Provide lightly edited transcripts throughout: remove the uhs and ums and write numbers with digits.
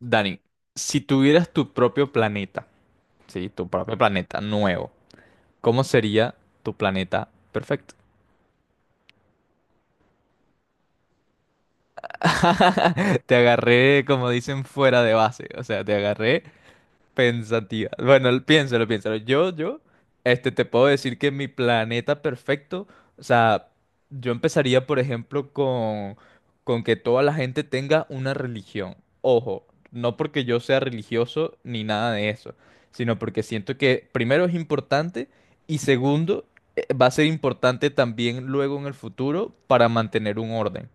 Dani, si tuvieras tu propio planeta, sí, tu propio planeta nuevo, ¿cómo sería tu planeta perfecto? Te agarré, como dicen, fuera de base, o sea, te agarré pensativa. Bueno, piénsalo, piénsalo. Yo, te puedo decir que mi planeta perfecto, o sea, yo empezaría, por ejemplo, con que toda la gente tenga una religión. Ojo, no porque yo sea religioso ni nada de eso, sino porque siento que primero es importante y segundo, va a ser importante también luego en el futuro para mantener un orden.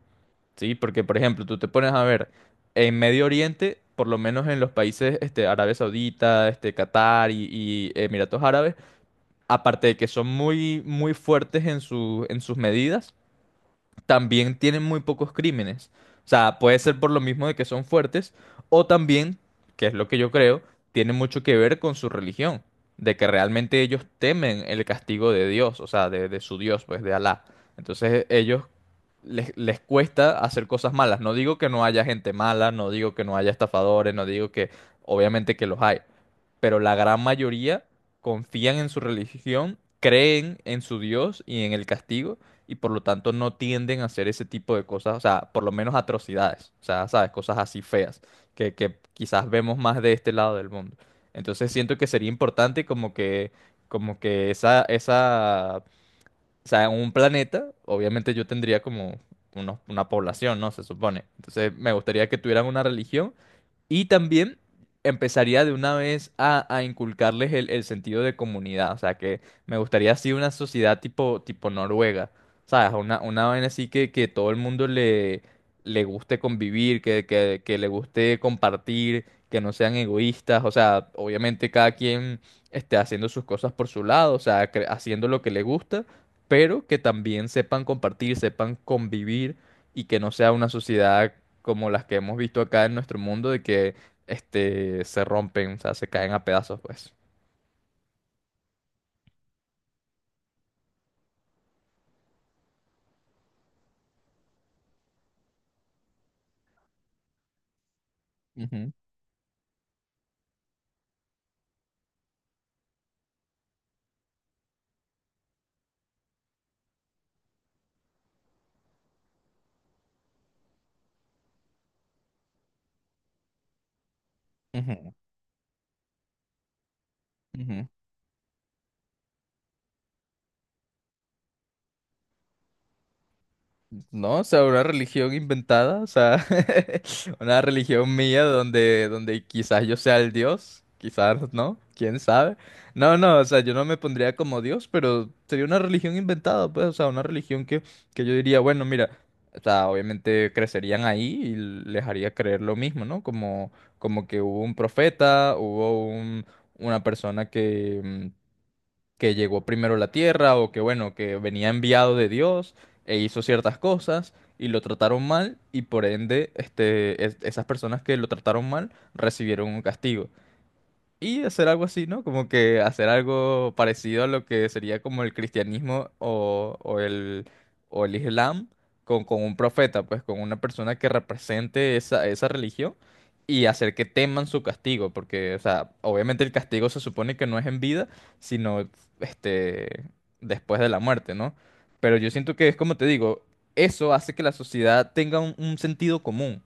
Sí, porque por ejemplo, tú te pones a ver en Medio Oriente, por lo menos en los países Arabia Saudita, Qatar y Emiratos Árabes, aparte de que son muy, muy fuertes en sus medidas, también tienen muy pocos crímenes. O sea, puede ser por lo mismo de que son fuertes, o también, que es lo que yo creo, tiene mucho que ver con su religión, de que realmente ellos temen el castigo de Dios, o sea, de su Dios, pues de Alá. Entonces ellos les cuesta hacer cosas malas. No digo que no haya gente mala, no digo que no haya estafadores, no digo que, obviamente que los hay, pero la gran mayoría confían en su religión, creen en su Dios y en el castigo y por lo tanto no tienden a hacer ese tipo de cosas, o sea, por lo menos atrocidades, o sea, sabes, cosas así feas, que quizás vemos más de este lado del mundo. Entonces siento que sería importante como que esa, o sea, en un planeta, obviamente yo tendría como una población, ¿no? Se supone. Entonces me gustaría que tuvieran una religión y también empezaría de una vez a inculcarles el sentido de comunidad. O sea, que me gustaría así una sociedad tipo Noruega. ¿Sabes? Una vaina así que todo el mundo le guste convivir, que le guste compartir, que no sean egoístas. O sea, obviamente cada quien esté haciendo sus cosas por su lado, o sea, haciendo lo que le gusta, pero que también sepan compartir, sepan convivir y que no sea una sociedad como las que hemos visto acá en nuestro mundo, de que se rompen, o sea, se caen a pedazos, pues. Ujú, ujú, ujú. No, o sea, una religión inventada, o sea, una religión mía donde quizás yo sea el Dios, quizás no, quién sabe. No, no, o sea, yo no me pondría como Dios, pero sería una religión inventada, pues, o sea, una religión que yo diría, bueno, mira, o sea, obviamente crecerían ahí y les haría creer lo mismo, ¿no? Como, que hubo un profeta, hubo una persona que llegó primero a la tierra o que bueno, que venía enviado de Dios e hizo ciertas cosas y lo trataron mal y por ende esas personas que lo trataron mal recibieron un castigo. Y hacer algo así, ¿no? Como que hacer algo parecido a lo que sería como el cristianismo o el islam con un profeta, pues con una persona que represente esa religión y hacer que teman su castigo, porque, o sea, obviamente el castigo se supone que no es en vida, sino este, después de la muerte, ¿no? Pero yo siento que es como te digo, eso hace que la sociedad tenga un sentido común.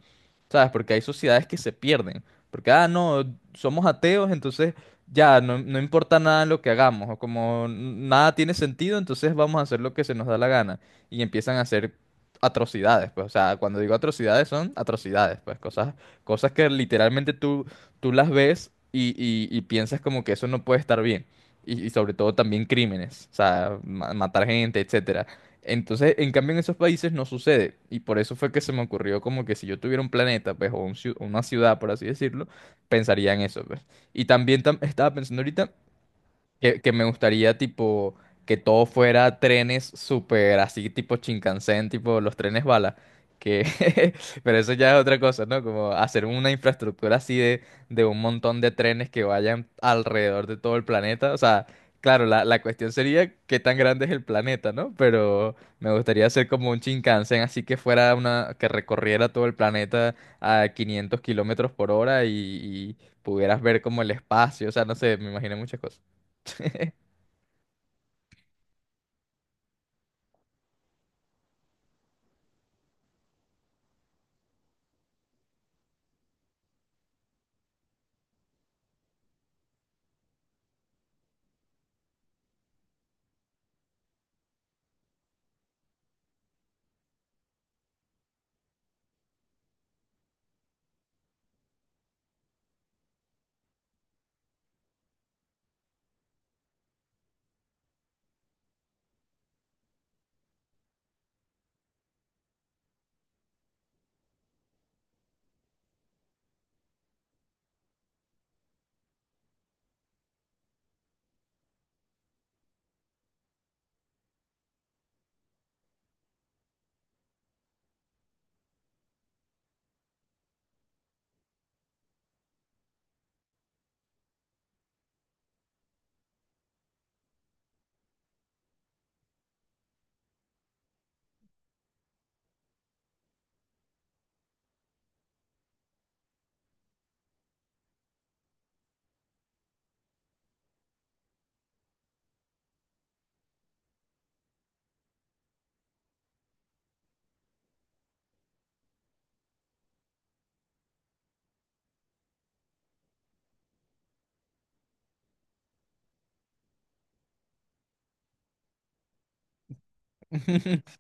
¿Sabes? Porque hay sociedades que se pierden. Porque, ah, no, somos ateos, entonces ya no importa nada lo que hagamos, o como nada tiene sentido, entonces vamos a hacer lo que se nos da la gana. Y empiezan a hacer atrocidades, pues, o sea, cuando digo atrocidades son atrocidades, pues, cosas que literalmente tú las ves y piensas como que eso no puede estar bien. Y sobre todo también crímenes, o sea, matar gente, etcétera. Entonces, en cambio, en esos países no sucede. Y por eso fue que se me ocurrió como que si yo tuviera un planeta, pues, o una ciudad, por así decirlo, pensaría en eso, pues. Y también estaba pensando ahorita que me gustaría, tipo, que todo fuera trenes súper así, tipo Shinkansen, tipo los trenes bala. Que. Pero eso ya es otra cosa, ¿no? Como hacer una infraestructura así de un montón de trenes que vayan alrededor de todo el planeta. O sea, claro, la cuestión sería qué tan grande es el planeta, ¿no? Pero me gustaría hacer como un Shinkansen así que fuera una que recorriera todo el planeta a 500 kilómetros por hora y pudieras ver como el espacio. O sea, no sé, me imaginé muchas cosas.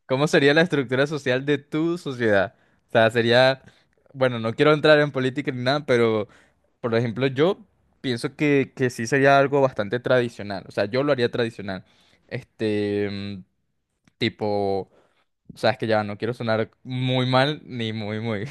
¿Cómo sería la estructura social de tu sociedad? O sea, sería, bueno, no quiero entrar en política ni nada, pero, por ejemplo, yo pienso que sí sería algo bastante tradicional. O sea, yo lo haría tradicional. Este, mm, tipo, O sea, es que ya no quiero sonar muy mal ni muy, muy.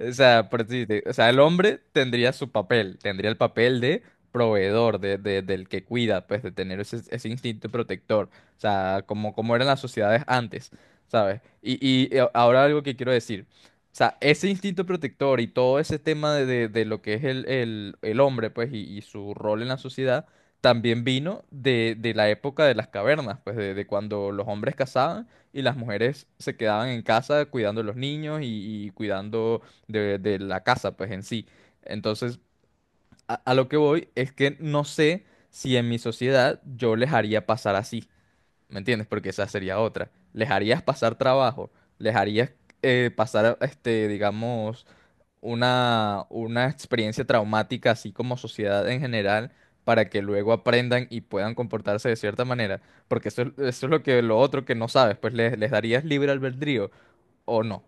O sea, por decirte, o sea, el hombre tendría su papel, tendría el papel de proveedor, del que cuida, pues, de tener ese instinto protector. O sea, como eran las sociedades antes, ¿sabes? Y ahora algo que quiero decir. O sea, ese instinto protector y todo ese tema de lo que es el hombre, pues, y su rol en la sociedad, también vino de la época de las cavernas, pues, de cuando los hombres cazaban y las mujeres se quedaban en casa cuidando a los niños y cuidando de la casa, pues en sí. Entonces, a lo que voy es que no sé si en mi sociedad yo les haría pasar así, ¿me entiendes? Porque esa sería otra. Les harías pasar trabajo, les harías pasar, digamos, una experiencia traumática, así como sociedad en general, para que luego aprendan y puedan comportarse de cierta manera. Porque eso es lo que lo otro que no sabes, pues les darías libre albedrío o no.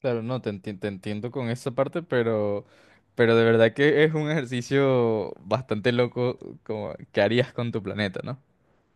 Claro, no, te entiendo con esa parte, pero, de verdad que es un ejercicio bastante loco como que harías con tu planeta, ¿no?